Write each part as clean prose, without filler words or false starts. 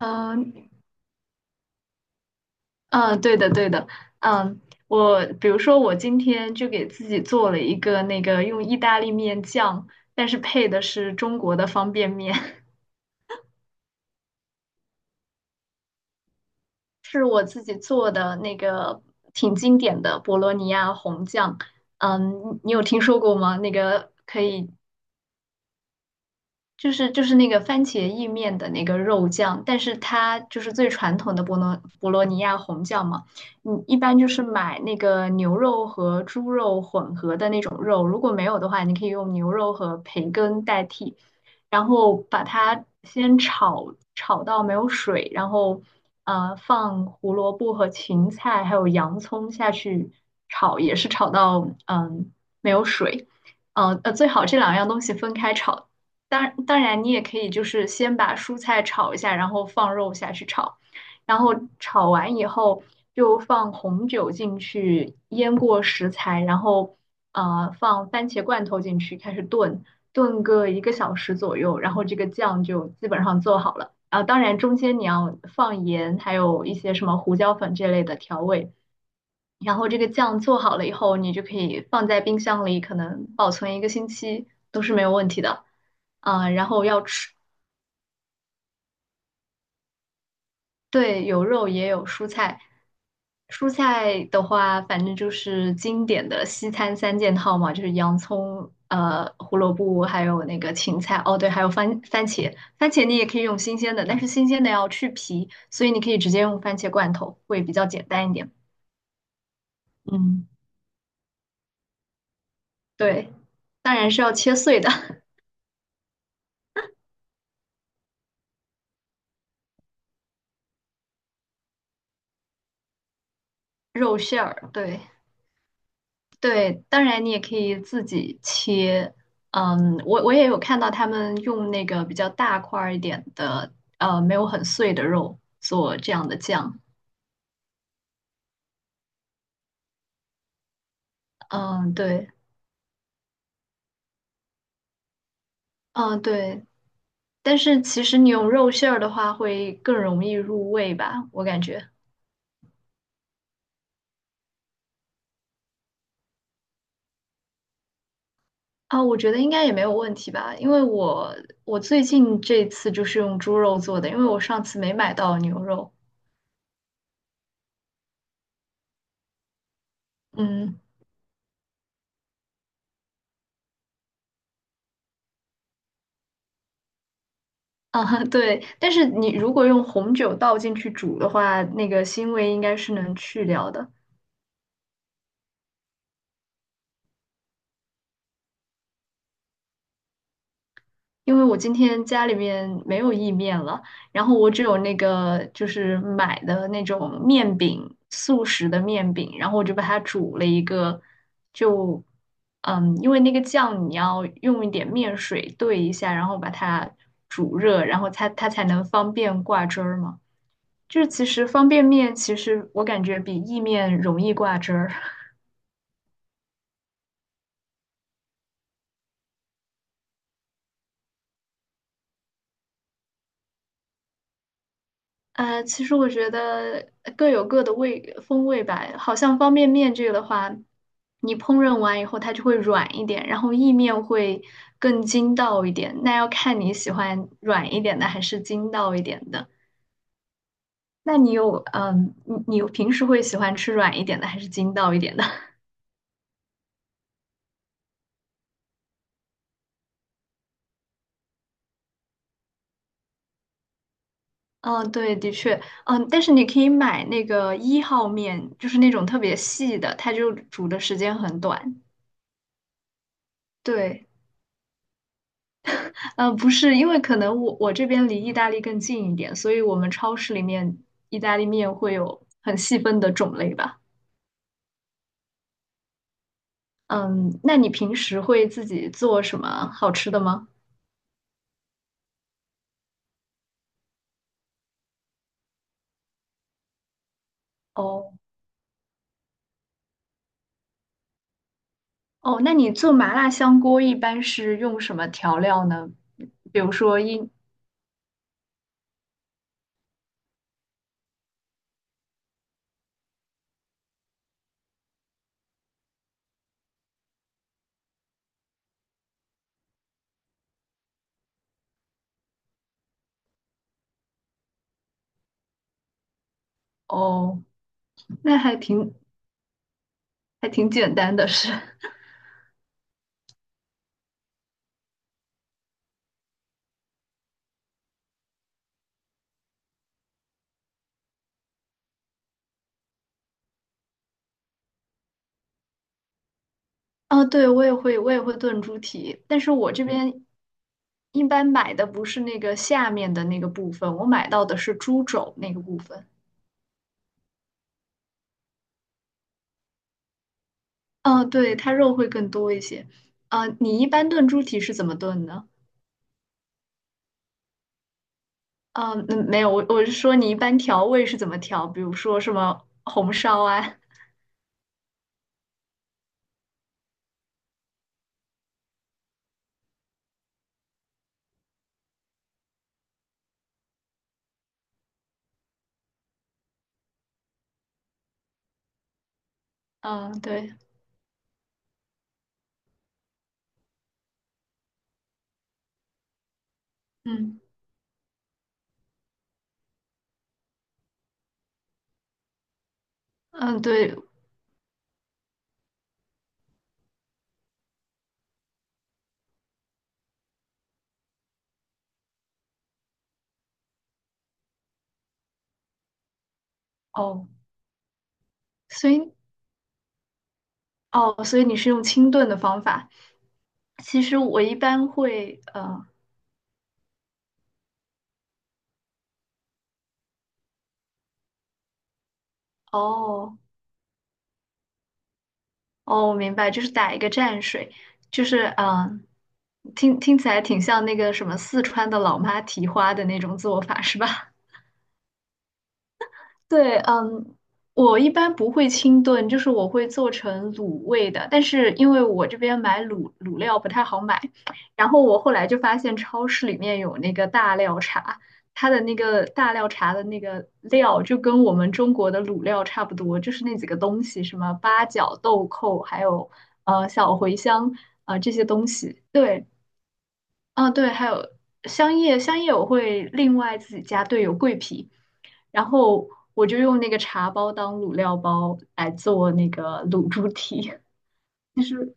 嗯嗯，对的对的。嗯，我比如说我今天就给自己做了一个那个用意大利面酱，但是配的是中国的方便面。是我自己做的那个挺经典的博洛尼亚红酱。嗯，你有听说过吗？那个可以就是就是那个番茄意面的那个肉酱，但是它就是最传统的博罗尼亚红酱嘛。你一般就是买那个牛肉和猪肉混合的那种肉，如果没有的话，你可以用牛肉和培根代替，然后把它先炒到没有水，然后放胡萝卜和芹菜还有洋葱下去炒，也是炒到没有水。最好这两样东西分开炒，当然，你也可以就是先把蔬菜炒一下，然后放肉下去炒，然后炒完以后就放红酒进去腌过食材，然后放番茄罐头进去开始炖，炖个一个小时左右，然后这个酱就基本上做好了。啊，当然中间你要放盐，还有一些什么胡椒粉这类的调味。然后这个酱做好了以后，你就可以放在冰箱里，可能保存一个星期都是没有问题的。啊，然后要吃。对，有肉也有蔬菜。蔬菜的话，反正就是经典的西餐三件套嘛，就是洋葱、胡萝卜，还有那个芹菜。哦，对，还有番茄。番茄你也可以用新鲜的，但是新鲜的要去皮，所以你可以直接用番茄罐头，会比较简单一点。嗯，对，当然是要切碎的。肉馅儿，对。对，当然你也可以自己切。嗯，我也有看到他们用那个比较大块儿一点的，呃，没有很碎的肉做这样的酱。嗯，对，嗯对，但是其实你用肉馅儿的话，会更容易入味吧，我感觉。啊，我觉得应该也没有问题吧，因为我最近这次就是用猪肉做的，因为我上次没买到牛肉。嗯。啊，对，但是你如果用红酒倒进去煮的话，那个腥味应该是能去掉的。因为我今天家里面没有意面了，然后我只有那个就是买的那种面饼，速食的面饼，然后我就把它煮了一个，就因为那个酱你要用一点面水兑一下，然后把它煮热，然后它才能方便挂汁儿嘛。就是其实方便面，其实我感觉比意面容易挂汁儿。其实我觉得各有各的味风味吧。好像方便面这个的话，你烹饪完以后它就会软一点，然后意面会更筋道一点。那要看你喜欢软一点的还是筋道一点的。那你有嗯，你你平时会喜欢吃软一点的还是筋道一点的？嗯，对，的确。但是你可以买那个一号面，就是那种特别细的，它就煮的时间很短。对。嗯，不是，因为可能我这边离意大利更近一点，所以我们超市里面意大利面会有很细分的种类吧。嗯，那你平时会自己做什么好吃的吗？哦哦，那你做麻辣香锅一般是用什么调料呢？比如说一。哦，那还挺简单的是。啊，对，我也会，我也会炖猪蹄，但是我这边一般买的不是那个下面的那个部分，我买到的是猪肘那个部分。嗯，对，它肉会更多一些。嗯，你一般炖猪蹄是怎么炖呢？嗯，嗯没有，我是说你一般调味是怎么调？比如说什么红烧啊？嗯，对，嗯嗯，对。哦，所以哦，所以你是用清炖的方法。其实我一般会，嗯，哦。哦，我明白，就是打一个蘸水。就是听起来挺像那个什么四川的老妈蹄花的那种做法，是吧？对。嗯，我一般不会清炖，就是我会做成卤味的。但是因为我这边买卤料不太好买，然后我后来就发现超市里面有那个大料茶，它的那个大料茶的那个料就跟我们中国的卤料差不多，就是那几个东西，什么八角、豆蔻，还有小茴香啊，这些东西。对，啊，对，还有香叶，香叶我会另外自己加，对，有桂皮。然后我就用那个茶包当卤料包来做那个卤猪蹄。其实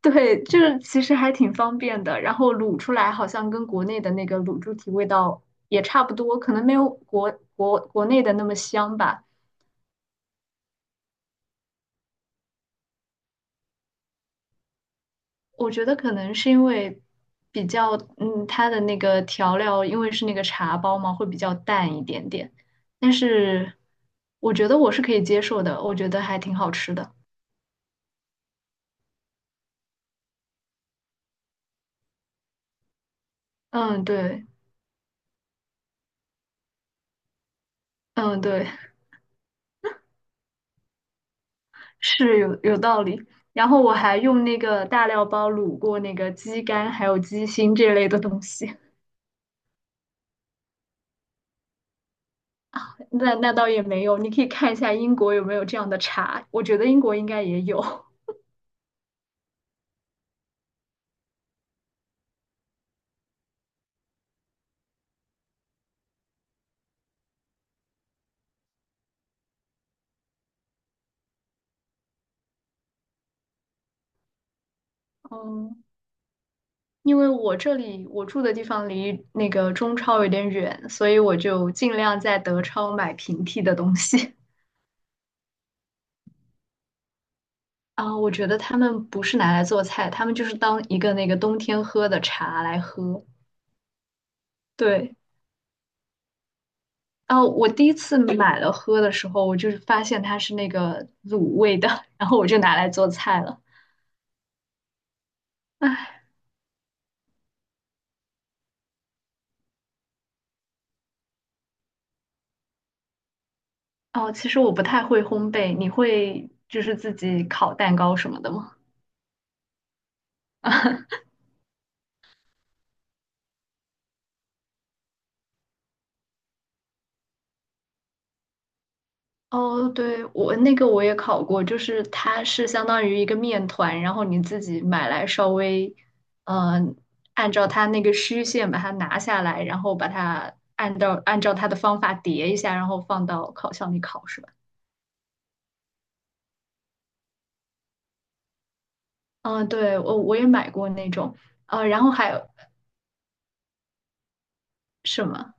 对，就是其实还挺方便的。然后卤出来好像跟国内的那个卤猪蹄味道也差不多，可能没有国内的那么香吧。我觉得可能是因为比较，它的那个调料，因为是那个茶包嘛，会比较淡一点点。但是我觉得我是可以接受的，我觉得还挺好吃的。嗯，对，嗯，对。是有道理。然后我还用那个大料包卤过那个鸡肝，还有鸡心这类的东西。那倒也没有，你可以看一下英国有没有这样的茶，我觉得英国应该也有。嗯，因为我这里我住的地方离那个中超有点远，所以我就尽量在德超买平替的东西。啊，我觉得他们不是拿来做菜，他们就是当一个那个冬天喝的茶来喝。对。啊，我第一次买了喝的时候，我就是发现它是那个卤味的，然后我就拿来做菜了。唉。哦，其实我不太会烘焙，你会就是自己烤蛋糕什么的吗？哦，对，我那个我也烤过，就是它是相当于一个面团，然后你自己买来稍微，嗯、按照它那个虚线把它拿下来，然后把它按照它的方法叠一下，然后放到烤箱里烤是吧？嗯，对，我也买过那种，然后还有什么？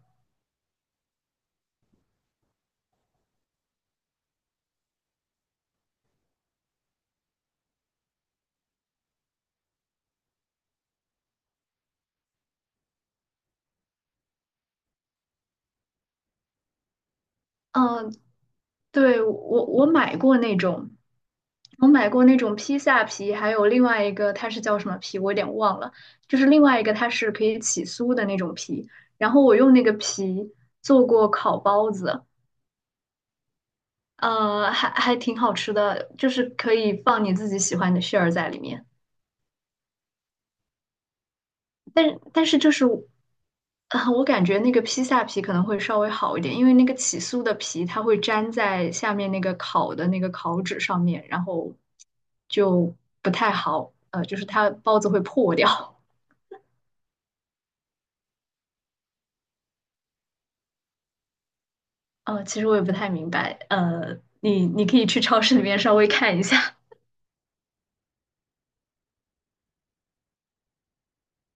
嗯，对，我买过那种披萨皮，还有另外一个它是叫什么皮，我有点忘了，就是另外一个它是可以起酥的那种皮，然后我用那个皮做过烤包子。呃，还还挺好吃的，就是可以放你自己喜欢的馅儿在里面。但是就是，啊，我感觉那个披萨皮可能会稍微好一点，因为那个起酥的皮它会粘在下面那个烤的那个烤纸上面，然后就不太好，呃，就是它包子会破掉。呃，其实我也不太明白，呃，你可以去超市里面稍微看一下，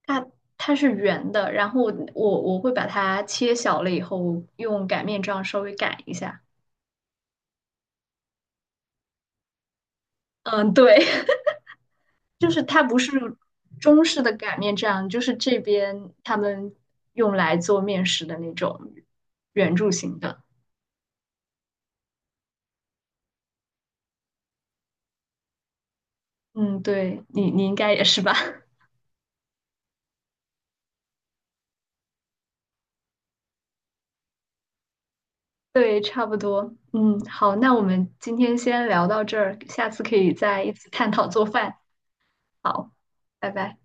它它是圆的，然后我会把它切小了以后用擀面杖稍微擀一下。嗯，对。就是它不是中式的擀面杖，就是这边他们用来做面食的那种圆柱形的。嗯，对，你应该也是吧？对，差不多。嗯，好，那我们今天先聊到这儿，下次可以再一起探讨做饭。好，拜拜。